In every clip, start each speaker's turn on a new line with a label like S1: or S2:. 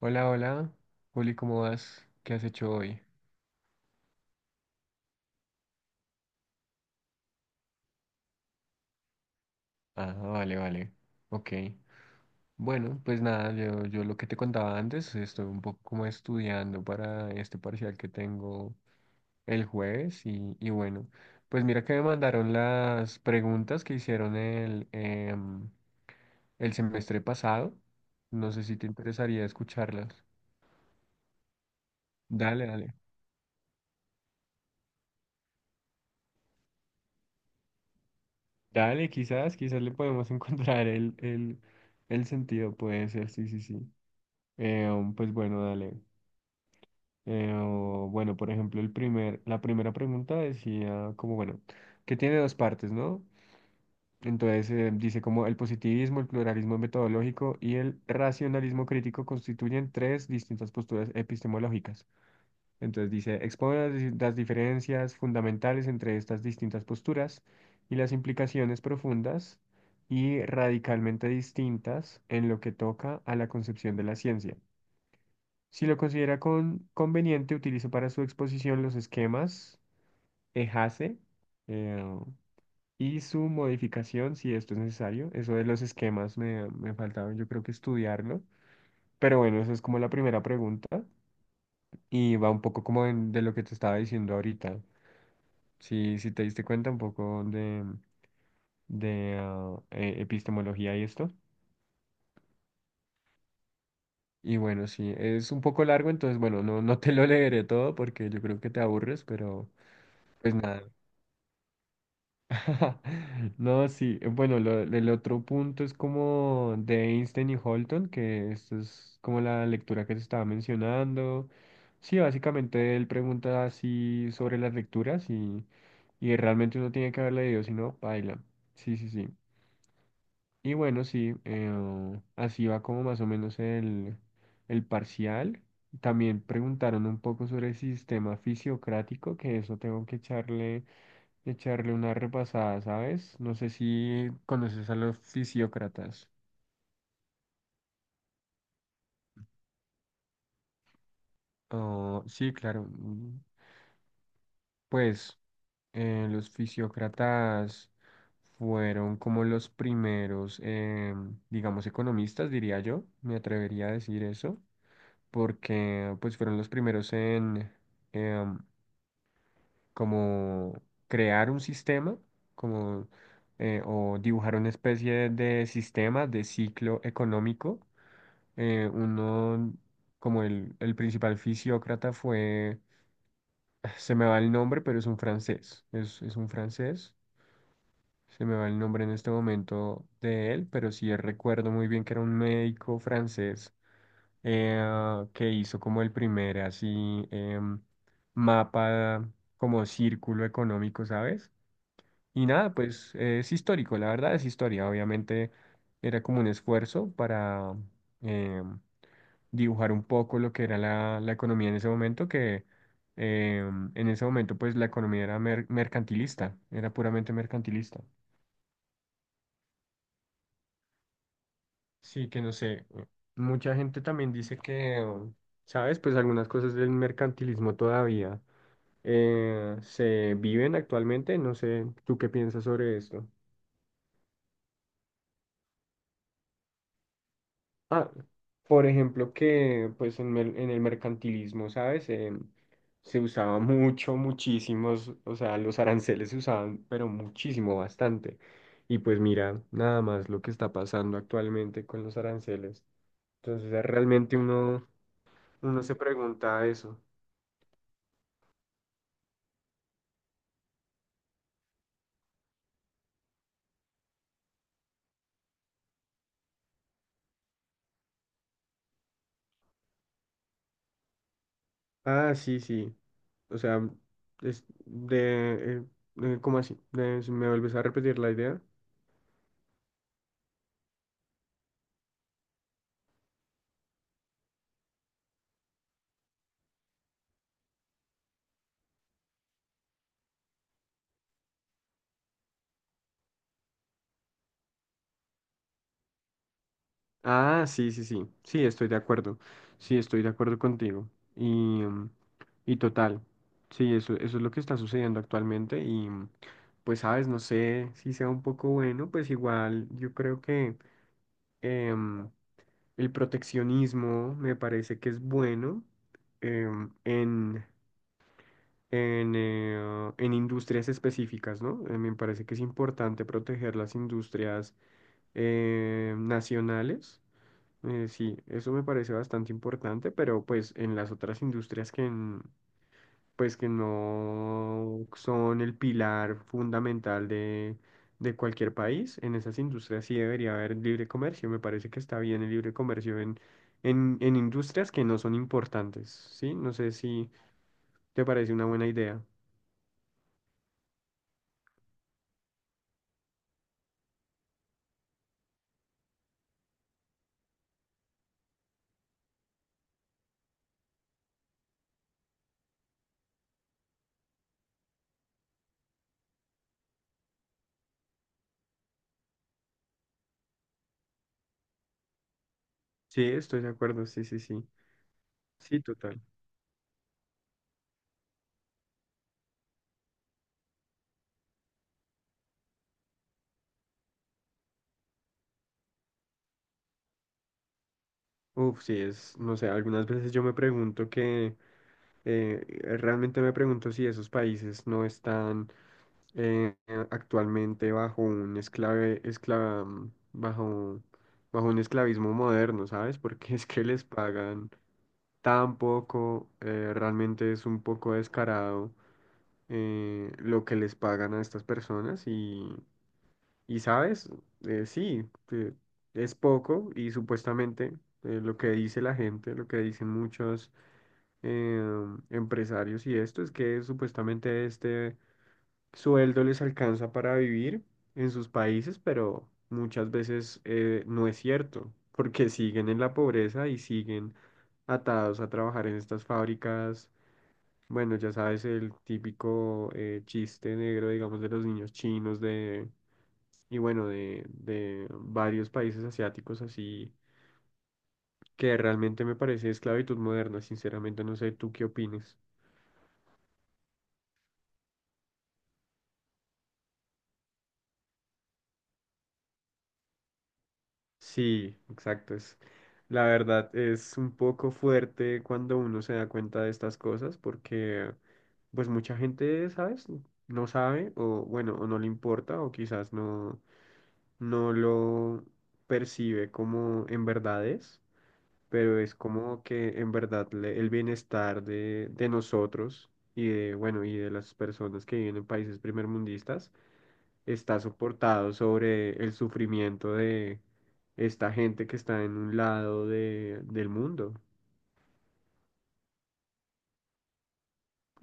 S1: Hola, hola. Juli, ¿cómo vas? ¿Qué has hecho hoy? Ah, vale, vale. Ok. Bueno, pues nada, yo lo que te contaba antes, estoy un poco como estudiando para este parcial que tengo el jueves y bueno, pues mira que me mandaron las preguntas que hicieron el el semestre pasado. No sé si te interesaría escucharlas. Dale, dale. Dale, quizás le podemos encontrar el el sentido, puede ser, sí, sí, sí. Pues bueno, dale. O, bueno, por ejemplo, la primera pregunta decía como, bueno, que tiene dos partes, ¿no? Entonces dice como el positivismo, el pluralismo metodológico y el racionalismo crítico constituyen tres distintas posturas epistemológicas. Entonces dice, expone las, las diferencias fundamentales entre estas distintas posturas y las implicaciones profundas y radicalmente distintas en lo que toca a la concepción de la ciencia. Si lo considera conveniente, utilizo para su exposición los esquemas EHACE eh, y su modificación si esto es necesario. Eso de los esquemas me faltaba, yo creo que estudiarlo. Pero bueno, esa es como la primera pregunta y va un poco como de lo que te estaba diciendo ahorita. Si te diste cuenta un poco de epistemología y esto. Y bueno, sí, es un poco largo, entonces bueno, no te lo leeré todo porque yo creo que te aburres, pero pues nada. No, sí. Bueno, el otro punto es como de Einstein y Holton, que esto es como la lectura que se estaba mencionando. Sí, básicamente él pregunta así sobre las lecturas y realmente uno tiene que haber leído, si no, baila. Sí, sí, sí. Y bueno, sí, así va como más o menos el parcial. También preguntaron un poco sobre el sistema fisiocrático, que eso tengo que echarle una repasada, ¿sabes? No sé si conoces a los fisiócratas. Oh, sí, claro. Mm, pues los fisiócratas fueron como los primeros, digamos, economistas, diría yo, me atrevería a decir eso, porque pues fueron los primeros en em, como crear un sistema, como o dibujar una especie de sistema de ciclo económico eh, uno, como el principal fisiócrata fue, ah, se me va el nombre, pero es un francés, es un francés, se me va el nombre en este momento de él, pero sí recuerdo muy bien que era un médico francés que hizo como el primer así mapa, como círculo económico, ¿sabes? Y nada, pues es histórico, la verdad es historia, obviamente era como un esfuerzo para em, dibujar un poco lo que era la economía en ese momento, que eh, en ese momento pues la economía era mercantilista, era puramente mercantilista. Sí, que no sé, mucha gente también dice que, ¿sabes? Pues algunas cosas del mercantilismo todavía se viven actualmente, no sé, ¿tú qué piensas sobre esto? Ah, por ejemplo, que pues en el mercantilismo, ¿sabes? Em, se usaba mucho, muchísimos, o sea, los aranceles se usaban, pero muchísimo, bastante. Y pues mira, nada más lo que está pasando actualmente con los aranceles. Entonces, uno se pregunta eso. Ah, sí, sí. O sea, es de, ¿cómo así? ¿Me vuelves a repetir la idea? Ah, sí, sí, sí. Sí, estoy de acuerdo. Sí, estoy de acuerdo contigo. Y, mm, y total. Sí, eso es lo que está sucediendo actualmente. Y mm, pues, sabes, no sé si sea un poco bueno, pues igual yo creo que em, el proteccionismo me parece que es bueno em, en, en industrias específicas, ¿no? Me parece que es importante proteger las industrias nacionales sí, eso me parece bastante importante, pero pues en las otras industrias pues, que no son el pilar fundamental de cualquier país, en esas industrias sí debería haber libre comercio. Me parece que está bien el libre comercio en industrias que no son importantes, ¿sí? No sé si te parece una buena idea. Sí, estoy de acuerdo, sí, sí, sí. Sí, total. Uf, sí, es, no sé, algunas veces yo me pregunto que realmente me pregunto si esos países no están actualmente bajo un esclave, esclava, mm, bajo, bajo un esclavismo moderno, ¿sabes? Porque es que les pagan tan poco, realmente es un poco descarado lo que les pagan a estas personas y ¿sabes? Eh, sí, eh, es poco y supuestamente lo que dice la gente, lo que dicen muchos eh, empresarios y esto es que supuestamente este sueldo les alcanza para vivir en sus países, pero muchas veces no es cierto, porque siguen en la pobreza y siguen atados a trabajar en estas fábricas. Bueno, ya sabes, el típico chiste negro, digamos, de los niños chinos y bueno, de varios países asiáticos así, que realmente me parece esclavitud moderna, sinceramente, no sé, ¿tú qué opinas? Sí, exacto. Es, la verdad es un poco fuerte cuando uno se da cuenta de estas cosas porque pues mucha gente, ¿sabes? No sabe o bueno, o no le importa o quizás no lo percibe como en verdad es, pero es como que en verdad el bienestar de nosotros y de, bueno, y de las personas que viven en países primermundistas está soportado sobre el sufrimiento de esta gente que está en un lado del mundo.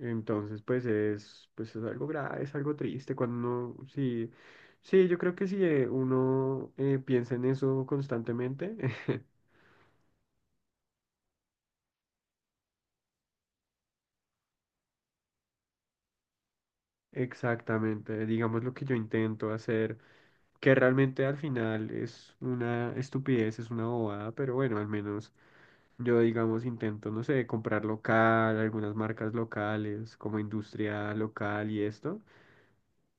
S1: Entonces, pues es algo grave, es algo triste cuando uno, sí, sí, yo creo que si uno piensa en eso constantemente, exactamente, digamos lo que yo intento hacer, que realmente al final es una estupidez, es una bobada, pero bueno, al menos yo, digamos, intento, no sé, comprar local, algunas marcas locales, como industria local y esto.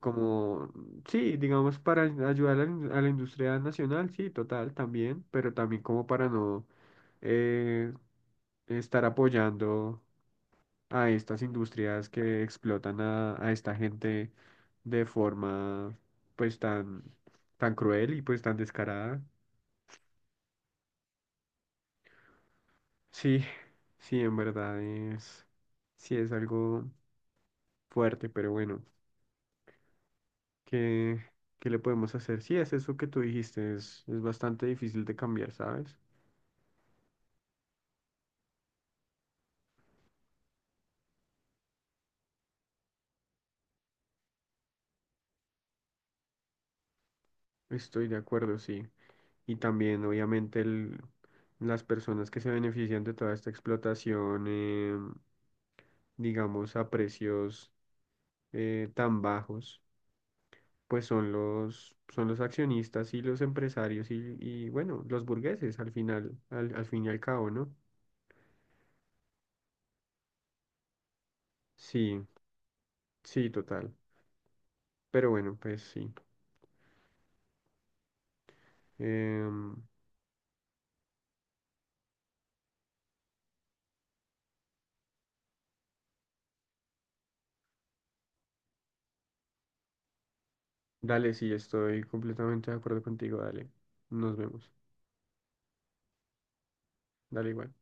S1: Como, sí, digamos, para ayudar a a la industria nacional, sí, total, también, pero también como para no eh, estar apoyando a estas industrias que explotan a esta gente de forma, pues, tan cruel y pues tan descarada. Sí, sí, en verdad es, sí es algo fuerte, pero bueno, ¿qué, ¿qué le podemos hacer? Sí, es eso que tú dijiste, es bastante difícil de cambiar, ¿sabes? Estoy de acuerdo, sí. Y también, obviamente, las personas que se benefician de toda esta explotación, digamos, a precios tan bajos, pues son los accionistas y los empresarios y, bueno, los burgueses al final, al fin y al cabo, ¿no? Sí, sí, total. Pero bueno, pues sí. Em, Dale, sí, estoy completamente de acuerdo contigo, dale. Nos vemos. Dale igual.